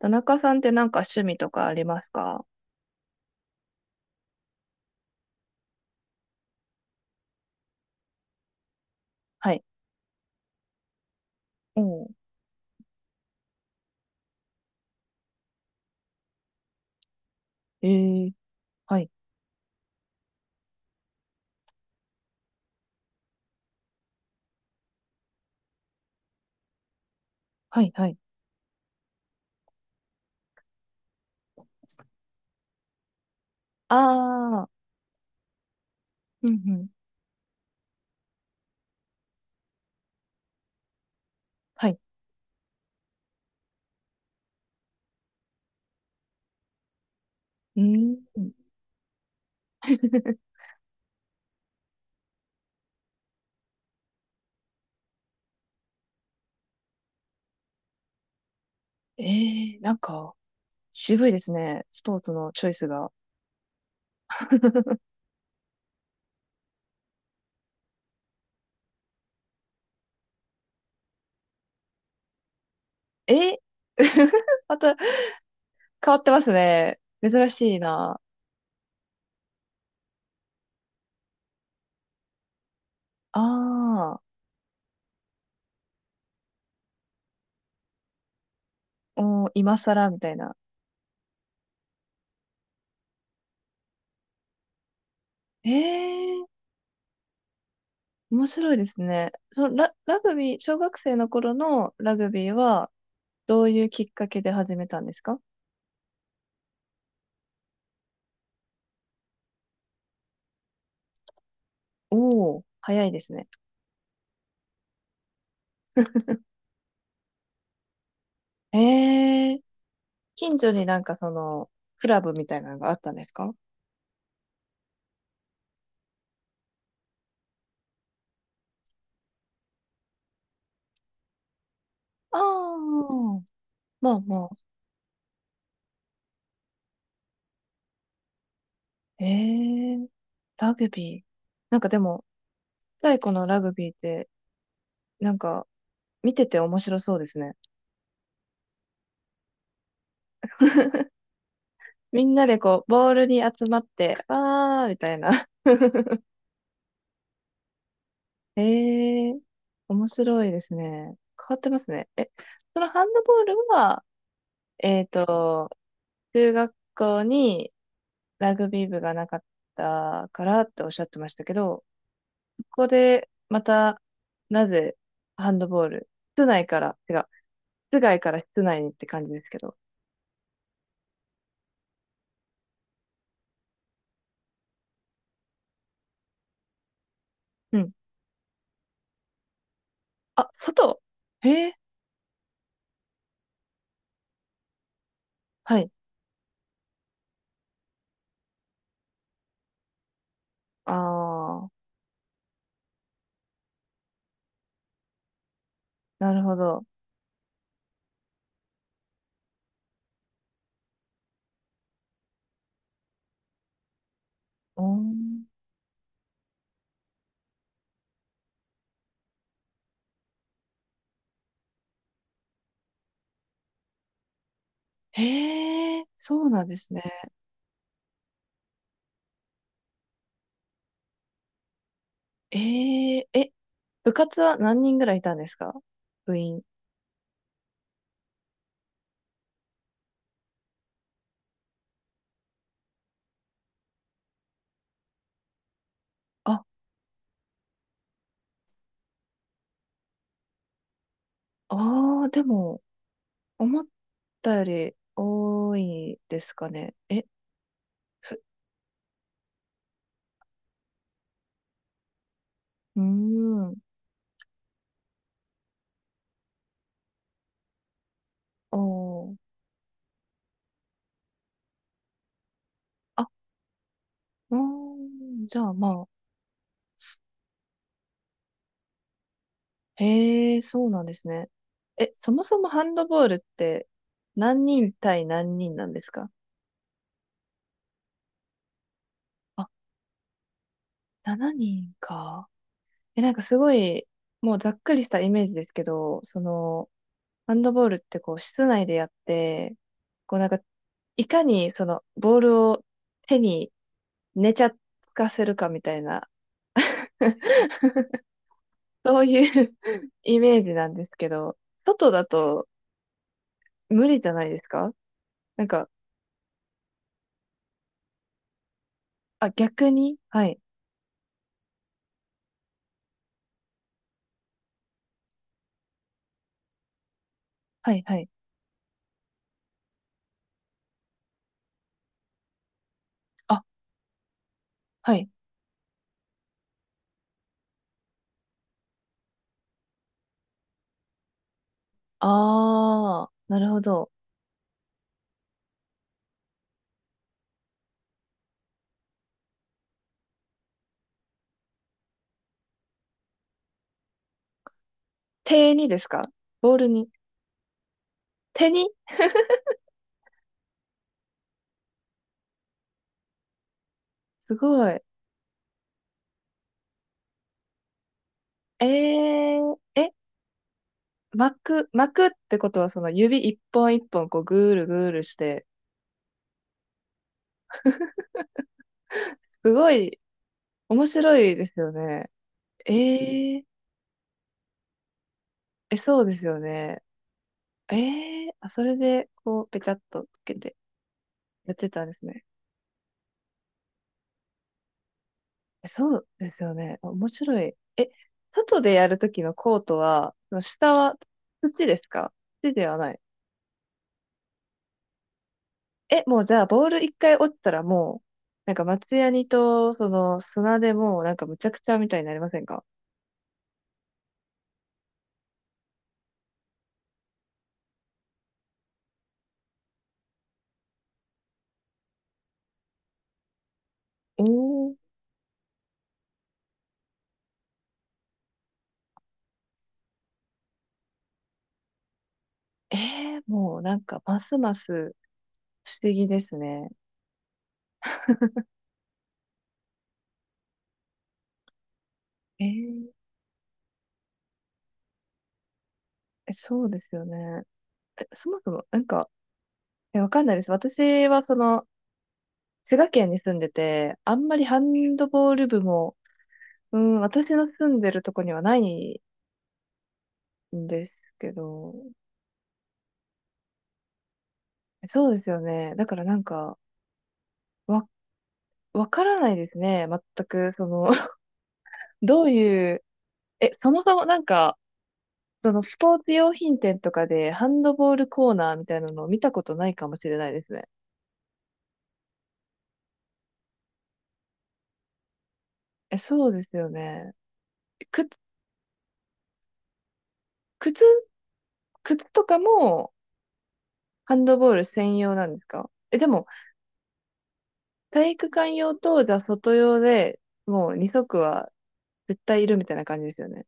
田中さんってなんか趣味とかありますか？はい。お、ええー、はい。はい、はい。ああ、うん、うん。はい。うーん。ええ、なんか、渋いですね。スポーツのチョイスが。え、 また変わってますね。珍しいな。ああ、おー、今更みたいな。ええ、面白いですね。ラグビー、小学生の頃のラグビーは、どういうきっかけで始めたんですか？おお、早いですね。ええ、近所になんかその、クラブみたいなのがあったんですか？ああ、まあまあ。ええ、ラグビー。なんかでも、太古のラグビーって、なんか、見てて面白そうですね。みんなでこう、ボールに集まって、あー、みたいな。ええ、面白いですね。変わってますね。え、そのハンドボールは、えっと、中学校に、ラグビー部がなかったからっておっしゃってましたけど、ここでまた、なぜハンドボール、室内から、てか、室外から室内にって感じですけど。うん。あ、外へ？はい。あー、なるほど。おーん。へえ、そうなんですね。ええ、え、部活は何人ぐらいいたんですか？部員。あ、ああ、でも、思ったより多いですかね。え、ふ、うーん。おー。あ、うーん。じゃあまあ。へえ、そうなんですね。え、そもそもハンドボールって何人対何人なんですか？あ、7人か。え、なんかすごい、もうざっくりしたイメージですけど、その、ハンドボールってこう室内でやって、こうなんか、いかにそのボールを手に寝ちゃつかせるかみたいな、そういう イメージなんですけど、外だと無理じゃないですか？なんか、あ、逆に、はい。はい、はい。あ、はい。あー、なるほど。手にですか？ボールに。手に。すごい。ええ、巻くってことはその指一本一本こうぐーるぐーるして、すごい面白いですよね。えー、え、そうですよね。えあ、それでこうペチャっとつけてやってたんですね。そうですよね。あ、面白い。え、外でやるときのコートは、その下は土ですか？土ではない？え、もうじゃあ、ボール一回落ちたらもう、なんか松ヤニと、その砂でもうなんかむちゃくちゃみたいになりませんか？おー、もうなんかますます不思議ですね。えー、え、そうですよね。え、そもそも、なんか、え、わかんないです。私はその、滋賀県に住んでて、あんまりハンドボール部も、うん、私の住んでるとこにはないんですけど、そうですよね。だからなんか、わ、わからないですね。全く、その、どういう、え、そもそもなんか、そのスポーツ用品店とかでハンドボールコーナーみたいなのを見たことないかもしれないですね。え、そうですよね。靴、靴、靴とかもハンドボール専用なんですか？え、でも、体育館用と、じゃあ外用でもう二足は絶対いるみたいな感じですよね。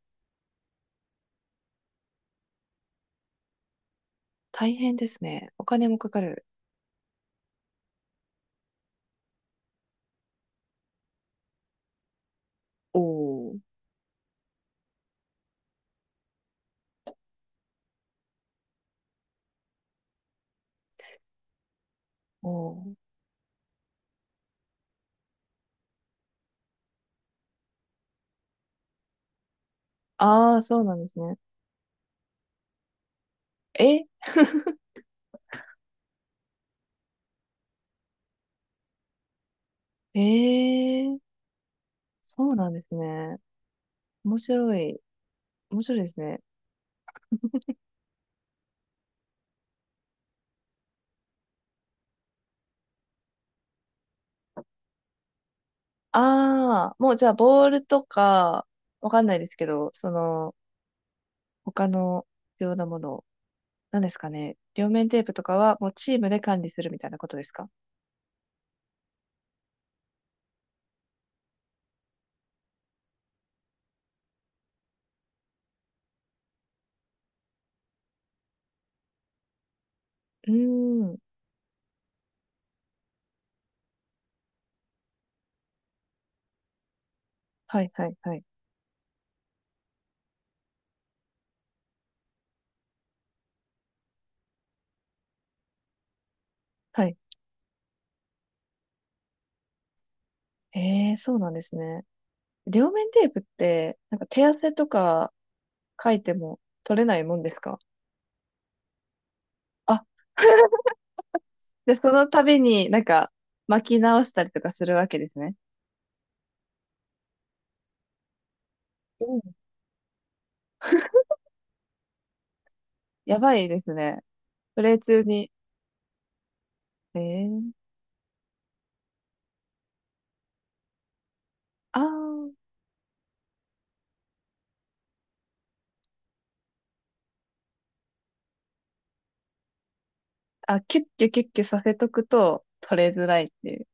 大変ですね。お金もかかる。おー。おー。ああ、そうなんですね。ええー、そうなんですね。面白い。面白いですね。ああ、もうじゃあ、ボールとか、わかんないですけど、その、他の必要なもの、何ですかね。両面テープとかは、もうチームで管理するみたいなことですか？うーん。はい、はい、はい。はい。ええー、そうなんですね。両面テープって、なんか手汗とか書いても取れないもんですか？あ、で、その度になんか巻き直したりとかするわけですね。うん。やばいですね。プレイ中に。えー、あー、あ、キュッキュキュッキュさせとくと取れづらいっていう。